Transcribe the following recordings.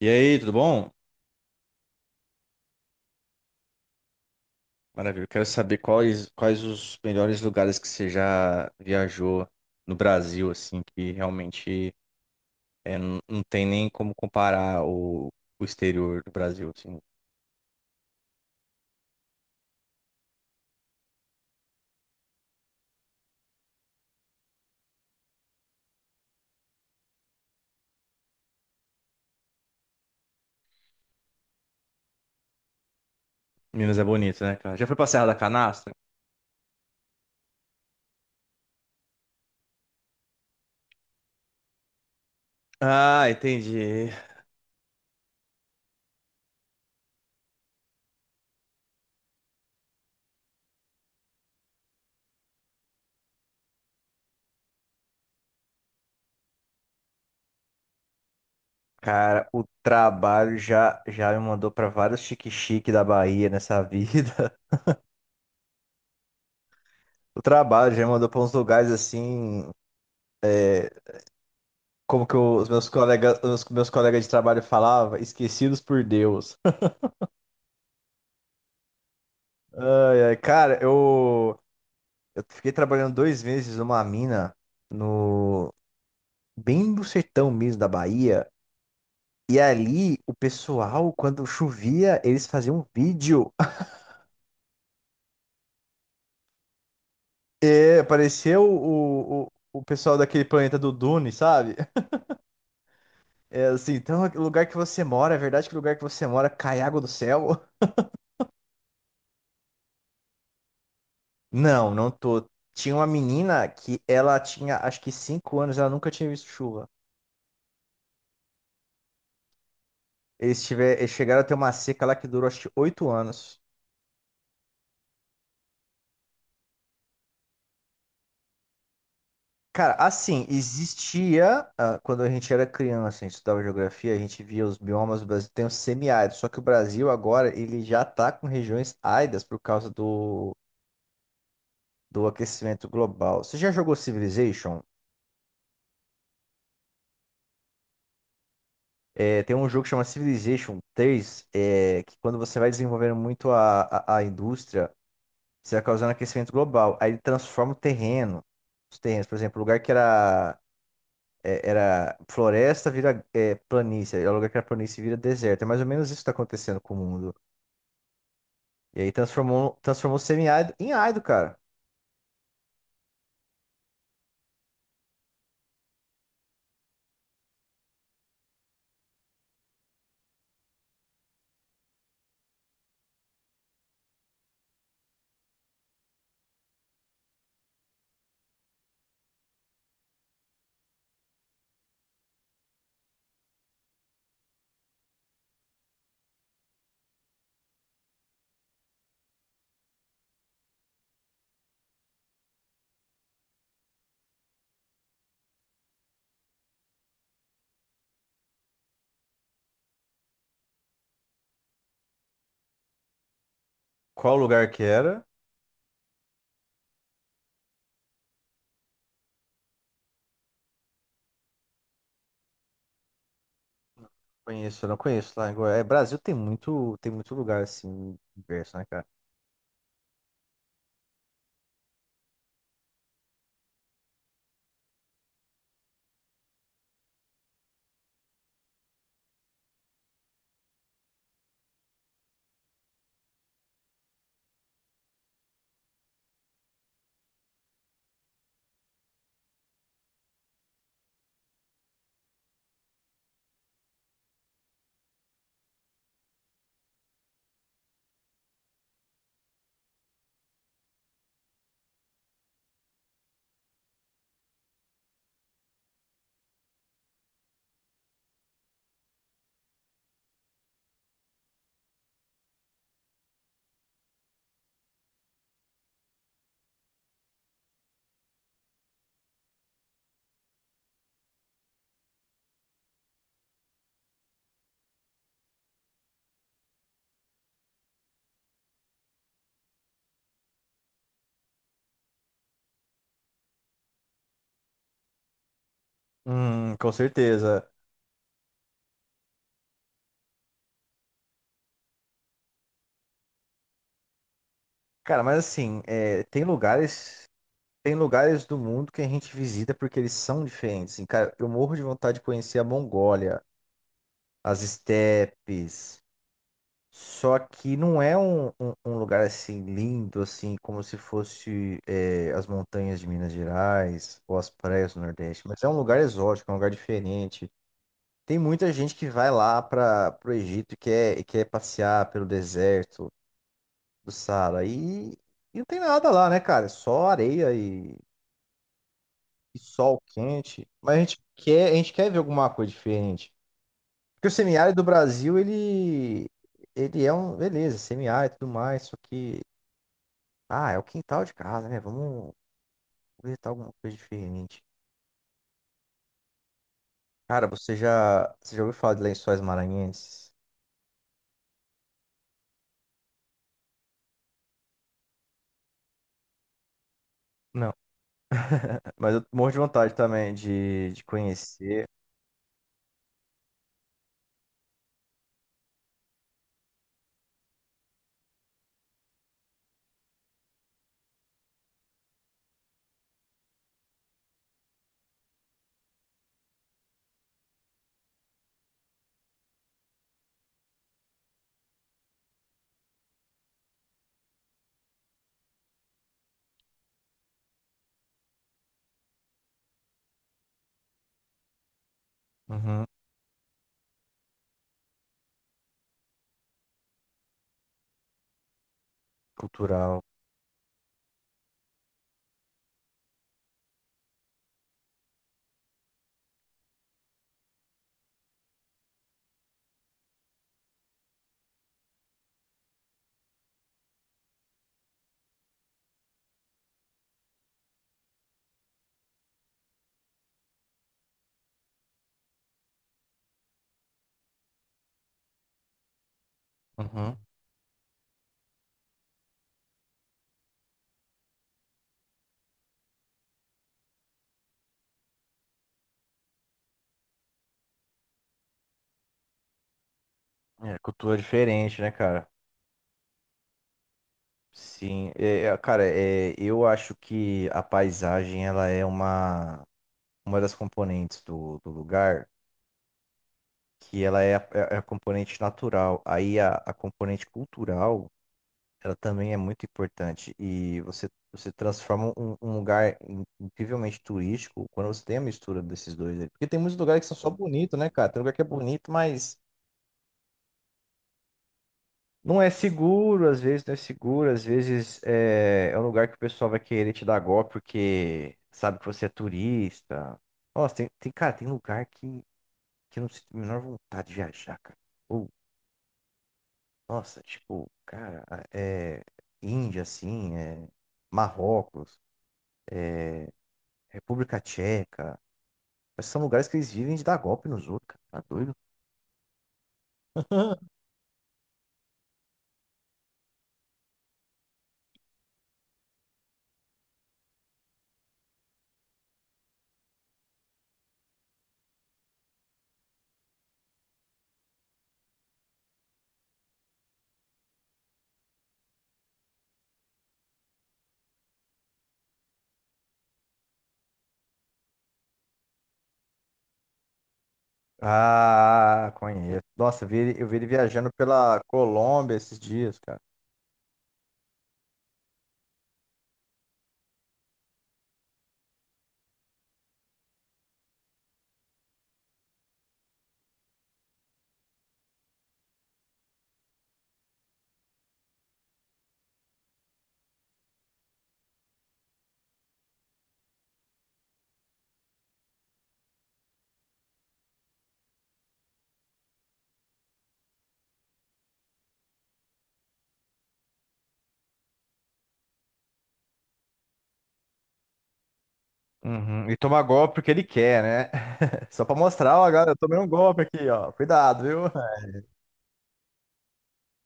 E aí, tudo bom? Maravilha. Eu quero saber quais os melhores lugares que você já viajou no Brasil, assim, que realmente não tem nem como comparar o exterior do Brasil, assim. Minas é bonito, né, cara? Já foi pra Serra da Canastra? Ah, entendi. Cara, o trabalho já me mandou pra vários chique-chique da Bahia nessa vida. O trabalho já me mandou pra uns lugares assim, como que os meus colegas de trabalho falavam, esquecidos por Deus. Ai, ai, cara, eu, eu fiquei trabalhando 2 meses numa mina no bem no sertão mesmo da Bahia. E ali o pessoal, quando chovia, eles faziam um vídeo. É, parecia o pessoal daquele planeta do Dune, sabe? É assim, então o lugar que você mora, é verdade que o lugar que você mora cai água do céu? Não, não tô. Tinha uma menina que ela tinha acho que 5 anos, ela nunca tinha visto chuva. Eles chegaram a ter uma seca lá que durou acho que 8 anos. Cara, assim, existia, ah, quando a gente era criança, a gente estudava geografia, a gente via os biomas do Brasil, tem o semiárido, só que o Brasil agora, ele já tá com regiões áridas por causa do aquecimento global. Você já jogou Civilization? É, tem um jogo que chama Civilization 3 é, que quando você vai desenvolvendo muito a indústria, você vai causando aquecimento global, aí ele transforma os terrenos, por exemplo, o lugar que era é, era floresta vira planície, é o lugar que era planície vira deserto. É mais ou menos isso que tá acontecendo com o mundo. E aí transformou semi-árido em árido, cara. Qual lugar que era? Conheço, eu não conheço lá em Goiás. É, Brasil tem muito lugar assim, diverso, né, cara? Com certeza. Cara, mas assim, é, tem lugares do mundo que a gente visita porque eles são diferentes. Assim, cara, eu morro de vontade de conhecer a Mongólia, as estepes. Só que não é um lugar assim lindo, assim, como se fosse é, as montanhas de Minas Gerais ou as praias do Nordeste, mas é um lugar exótico, é um lugar diferente. Tem muita gente que vai lá para o Egito e e quer passear pelo deserto do Saara e não tem nada lá, né, cara? É só areia e sol quente. Mas a gente quer ver alguma coisa diferente. Porque o semiárido do Brasil, ele é um, beleza, semiárido e tudo mais, só que ah, é o quintal de casa, né? Vamos visitar alguma coisa diferente. Cara, você já ouviu falar de Lençóis Maranhenses? Não. Mas eu morro de vontade também de conhecer. Uhum, cultural. Uhum. É, cultura diferente, né, cara? Sim. Eu acho que a paisagem, ela é uma das componentes do lugar, que ela é é é a componente natural. Aí a componente cultural. Ela também é muito importante e você transforma um lugar incrivelmente turístico quando você tem a mistura desses dois aí. Porque tem muitos lugares que são só bonitos, né, cara? Tem lugar que é bonito, mas não é seguro, às vezes não é seguro, às vezes é um lugar que o pessoal vai querer te dar golpe porque sabe que você é turista. Nossa, cara, tem lugar que eu não sinto a menor vontade de viajar, cara. Ou, nossa, tipo, cara, é Índia, assim, é Marrocos. República Tcheca. Esses são lugares que eles vivem de dar golpe nos outros, cara. Tá doido? Ah, conheço. Nossa, eu vi ele viajando pela Colômbia esses dias, cara. Uhum. E toma golpe porque ele quer, né? Só pra mostrar, ó, galera, eu tomei um golpe aqui, ó. Cuidado, viu?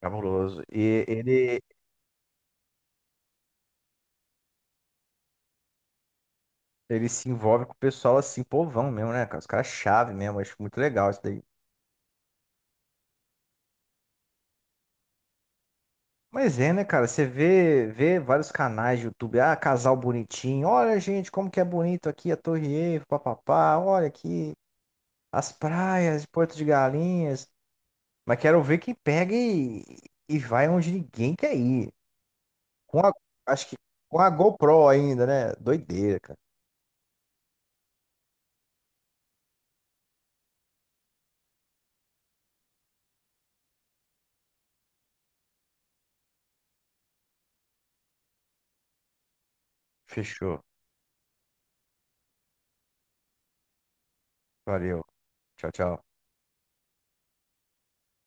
Cabuloso. Ele se envolve com o pessoal assim, povão mesmo, né, cara? Os caras chave mesmo. Acho muito legal isso daí. Mas é, né, cara? Você vê, vê vários canais de YouTube. Ah, casal bonitinho. Olha, gente, como que é bonito aqui a Torre Eiffel, papapá. Olha aqui as praias de Porto de Galinhas. Mas quero ver quem pega e vai onde ninguém quer ir. Com a, acho que com a GoPro ainda, né? Doideira, cara. Fechou. Valeu. Tchau, tchau.